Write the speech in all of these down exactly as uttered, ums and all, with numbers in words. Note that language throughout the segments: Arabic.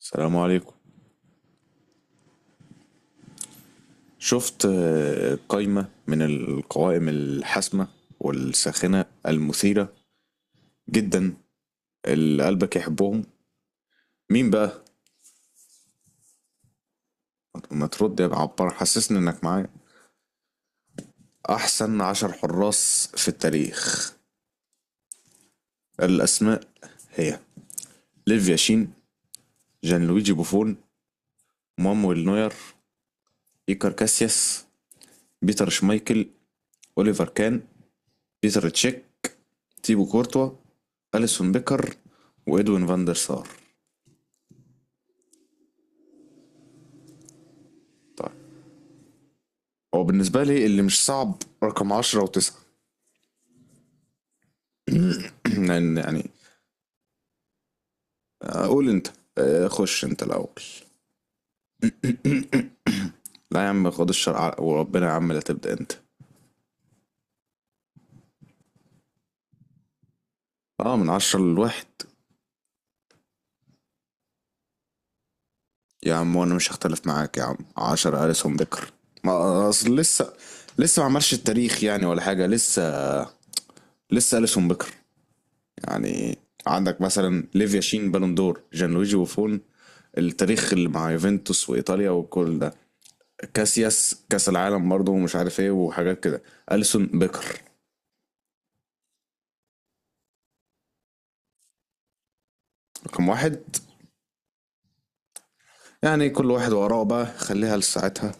السلام عليكم. شفت آه، قائمة من القوائم الحاسمة والساخنة المثيرة جدا اللي قلبك يحبهم، مين بقى؟ ما ترد يا عبار، حسسني انك معايا. أحسن عشر حراس في التاريخ، الأسماء هي: ليف ياشين، جان لويجي بوفون، مانويل نوير، إيكار كاسياس، بيتر شمايكل، أوليفر كان، بيتر تشيك، تيبو كورتوا، أليسون بيكر، وإدوين فاندر سار. طيب، هو بالنسبة لي اللي مش صعب رقم عشرة وتسعة. لأن يعني آه، قول أنت. آه، خش أنت الأول. لا يا عم خد الشرع ع- وربنا يا عم لا تبدأ أنت. أه، من عشرة لواحد. يا عم وأنا مش هختلف معاك يا عم، عشرة أليسون بيكر. ما آه، أصل لسه، لسه ما عملش التاريخ يعني ولا حاجة، لسه لسه أليسون بيكر يعني. عندك مثلا ليفيا شين بالون دور، جان لويجي وفون التاريخ اللي مع يوفنتوس وإيطاليا وكل ده، كاسياس كاس العالم برضه ومش عارف ايه وحاجات كده. اليسون بيكر رقم واحد يعني، كل واحد وراه بقى خليها لساعتها.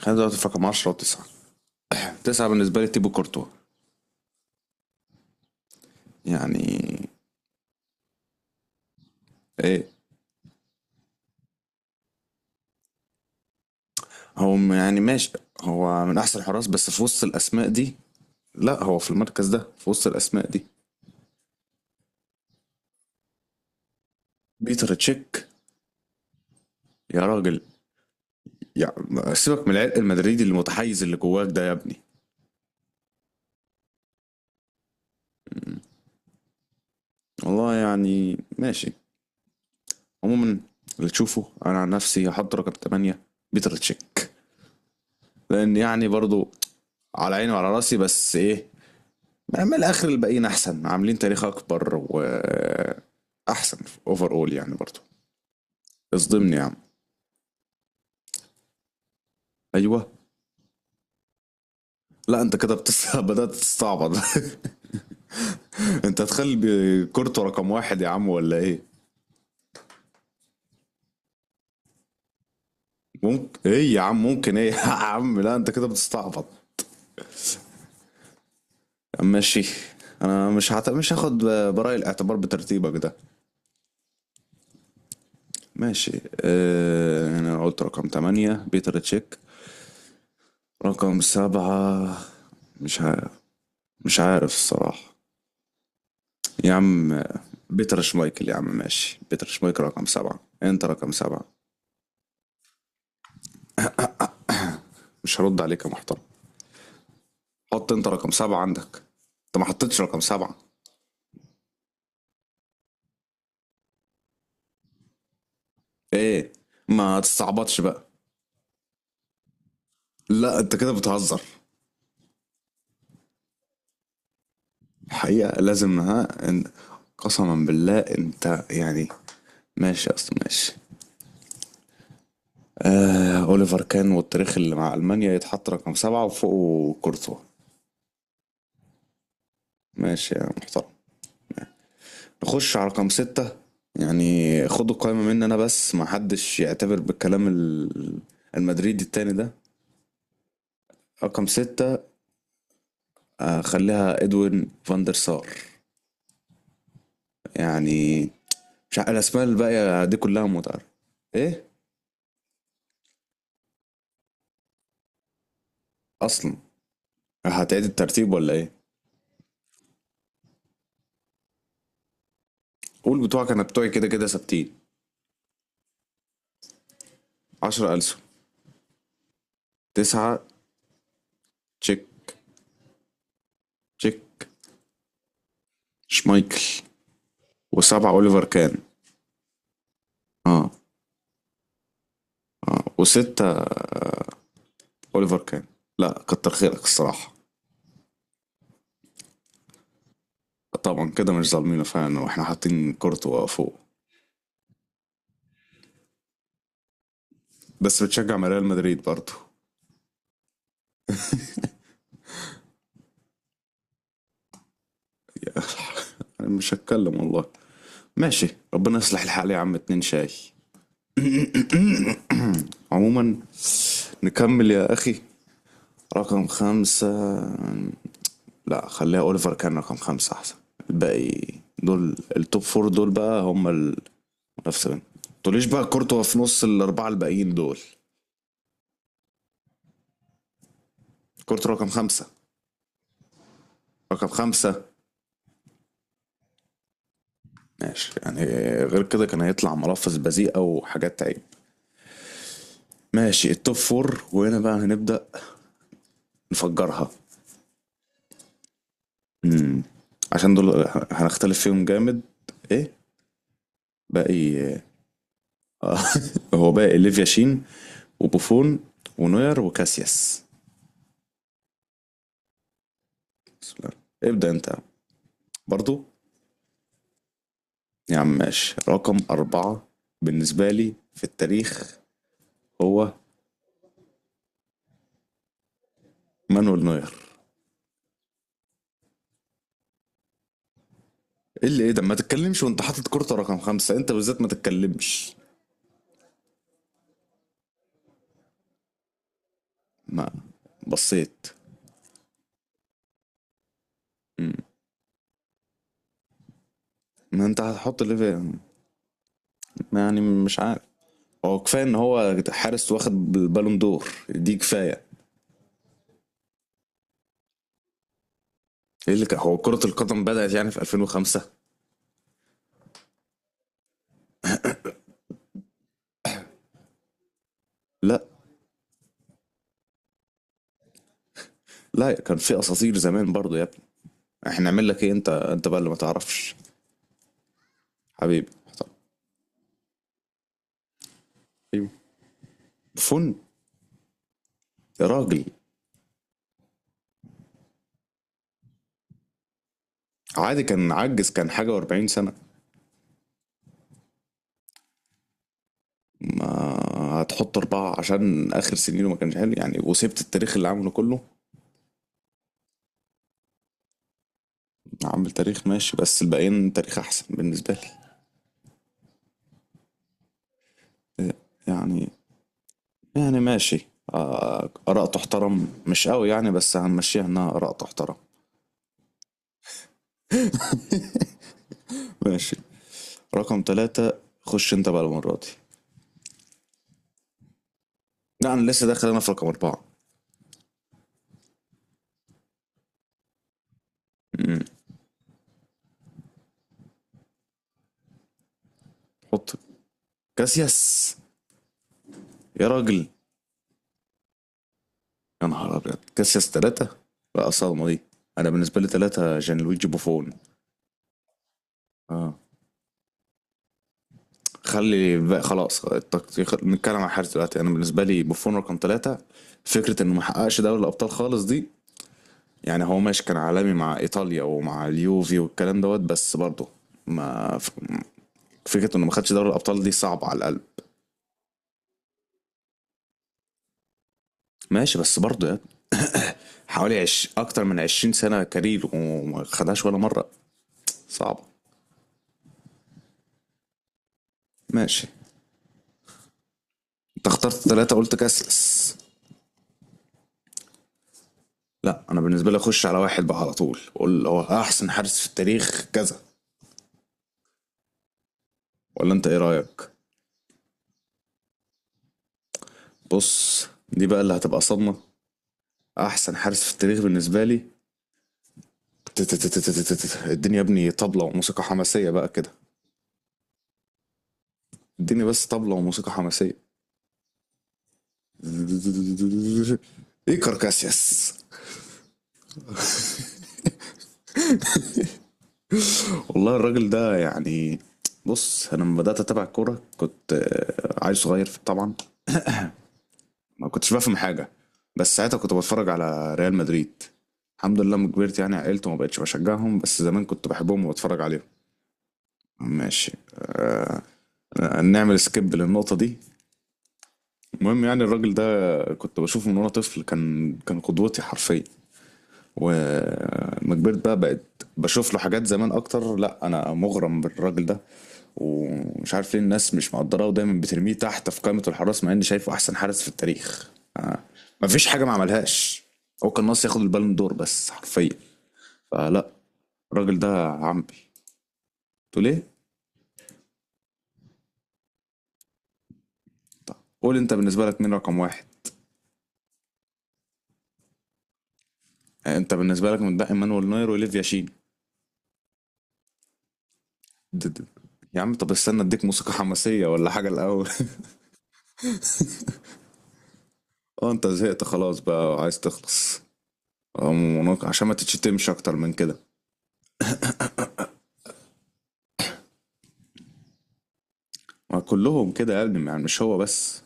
خلينا دلوقتي في رقم عشرة وتسعة. تسعة بالنسبة لي تيبو كورتوا يعني. ايه، هو م- يعني ماشي، هو من احسن الحراس بس في وسط الاسماء دي. لا هو في المركز ده في وسط الاسماء دي. بيتر تشيك؟ يا راجل، يعني سيبك من العرق المدريدي المتحيز اللي جواك ده يا ابني. والله يعني ماشي. عموما اللي تشوفه، انا عن نفسي هحط رقم تمانية بيتر تشيك، لان يعني برضو على عيني وعلى راسي، بس ايه، من الاخر الباقيين احسن، عاملين تاريخ اكبر واحسن، اوفر اول يعني برضو. اصدمني يا عم. ايوه. لا انت كده بتس... بدات تستعبط. انت تخلي كورتو رقم واحد يا عم ولا ايه؟ ممكن ايه يا عم، ممكن ايه؟ يا عم لا انت كده بتستعبط. ماشي، انا مش هت... مش هاخد براي الاعتبار بترتيبك ده. ماشي، آه، انا قلت رقم تمانية بيتر تشيك. رقم سبعة مش عارف، مش عارف الصراحة. يا عم آه، بيتر شمايكل يا عم، ماشي بيتر شمايكل رقم سبعة، انت رقم سبعة. مش هرد عليك يا محترم. حط انت رقم سبعة عندك، انت ما حطيتش رقم سبعة. ايه، ما تستعبطش بقى. لا انت كده بتهزر. الحقيقة لازم ها ان. قسما بالله انت يعني، ماشي اصلا ماشي. آه، أوليفر كان والتاريخ اللي مع ألمانيا يتحط رقم سبعة وفوقه كورتوا. ماشي يا محترم. نخش على رقم ستة يعني. خدوا القائمة مني أنا بس، ما حدش يعتبر بالكلام ال- المدريدي التاني ده. رقم ستة آه، خليها إدوين فاندر سار يعني، مش عارف الأسماء الباقية دي كلها متعرفة. إيه؟ أصلا هتعيد الترتيب ولا إيه؟ قول بتوعك، أنا بتوعي كده كده ثابتين. عشرة ألسون، تسعة تشيك. تشيك، شمايكل، وسبعة أوليفر كان. اه، اه، وستة أوليفر كان. لا كتر خيرك الصراحة. طبعا كده مش ظالمينه فعلا واحنا حاطين كورتوا فوق. بس بتشجع مع ريال مدريد برضه. انا مش هتكلم والله. ماشي، ربنا يصلح الحال يا عم. اتنين شاي. عموما نكمل يا اخي. رقم خمسة، لا خليها اوليفر كان رقم خمسة احسن. الباقي دول التوب فور، دول بقى هم نفس ما، تقوليش بقى كورتوا في نص الأربعة الباقيين دول. كورتوا رقم خمسة. رقم خمسة ماشي يعني، غير كده كان هيطلع ملفظ بذيئة وحاجات عيب. ماشي التوب فور، وهنا بقى هنبدأ نفجرها. امم عشان دول هنختلف فيهم جامد. ايه؟ باقي آه. هو باقي ليفيا شين وبوفون ونوير وكاسياس. بسم الله. ابدأ انت برضو. يا عم ماشي، رقم أربعة بالنسبة لي في التاريخ هو مانويل نوير. ايه اللي ايه ده؟ ما تتكلمش وانت حاطط كورته رقم خمسة، انت بالذات ما تتكلمش. ما بصيت. مم. ما انت هتحط اللي فيها يعني، مش عارف. هو كفايه ان هو حارس واخد بالون دور، دي كفايه. ايه اللي كان، هو كره القدم بدات يعني في ألفين وخمسة. لا، لا كان في اساطير زمان برضو يا ابني. احنا نعمل لك ايه، انت انت بقى اللي ما تعرفش حبيبي. ايوه، فن. يا راجل. عادي، كان عجز، كان حاجه و40 سنه. ما هتحط أربعة عشان آخر سنينه ما كانش حلو يعني، وسبت التاريخ اللي عامله كله. عامل تاريخ ماشي، بس الباقيين تاريخ أحسن بالنسبة لي يعني. يعني ماشي آه، آراء تحترم مش قوي يعني، بس هنمشيها إنها آراء تحترم. ماشي، رقم ثلاثة خش أنت بقى المرة دي. لا أنا لسه داخل أنا في رقم أربعة. مم. حط كاسياس. يا راجل، يا نهار أبيض، كاسياس ثلاثة؟ بقى صدمة دي. أنا بالنسبة لي ثلاثة جان لويجي بوفون. اه، خلي بقى خلاص التقطيع، خ- نتكلم عن الحارس دلوقتي. انا بالنسبه لي بوفون رقم ثلاثه. فكره انه ما حققش دوري الابطال خالص دي، يعني هو ماشي كان عالمي مع ايطاليا ومع اليوفي والكلام دوت، بس برضه ما ف- فكره انه ما خدش دوري الابطال دي صعبه على القلب. ماشي بس برضه يعني، حوالي عش... اكتر من عشرين سنه كارير وما خدهاش ولا مره، صعبه. ماشي، انت اخترت ثلاثه، قلت كاسلس. لا انا بالنسبه لي اخش على واحد بقى على طول. قول هو احسن حارس في التاريخ كذا، ولا انت ايه رايك؟ بص دي بقى اللي هتبقى صدمة. أحسن حارس في التاريخ بالنسبة لي، تتتتتتتت. الدنيا يا ابني طبلة وموسيقى حماسية بقى كده. اديني بس طبلة وموسيقى حماسية. إيكار كاسياس. والله الراجل ده يعني، بص أنا لما بدأت أتابع الكورة كنت آه، عيل صغير طبعا، ما كنتش بفهم حاجة، بس ساعتها كنت بتفرج على ريال مدريد. الحمد لله لما كبرت يعني عقلت وما بقتش بشجعهم، بس زمان كنت بحبهم وبتفرج عليهم. ماشي، آه، نعمل سكيب للنقطة دي. المهم يعني الراجل ده كنت بشوفه من وانا طفل، كان كان قدوتي حرفيا. وما كبرت بقى بقيت بشوف له حاجات زمان اكتر، لا انا مغرم بالراجل ده. ومش عارف ليه الناس مش مقدراه ودايما بترميه تحت في قائمة الحراس، مع اني شايفه احسن حارس في التاريخ. آه. مفيش حاجة ما عملهاش، هو كان ناقص ياخد البالون دور بس حرفيا. فلا، الراجل ده عمبي. تقول ايه؟ طب قول انت، بالنسبة لك مين رقم واحد؟ آه، انت بالنسبة لك متبقي مانويل نوير وليفيا شين. د- د- يا عم طب استنى اديك موسيقى حماسية ولا حاجة الأول. اه انت زهقت خلاص بقى وعايز تخلص. أم ونق- عشان ما تتشتمش أكتر من كده. ما كلهم كده يا ابني يعني مش هو بس.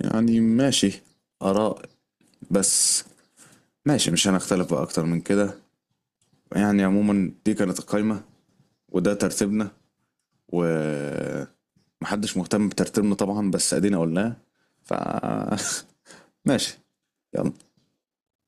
يعني ماشي، آراء بس. ماشي مش هنختلف بقى أكتر من كده يعني. عموما دي كانت القايمة، وده ترتيبنا، ومحدش مهتم بترتيبنا طبعا، بس ادينا قلناه. ف ماشي يلا.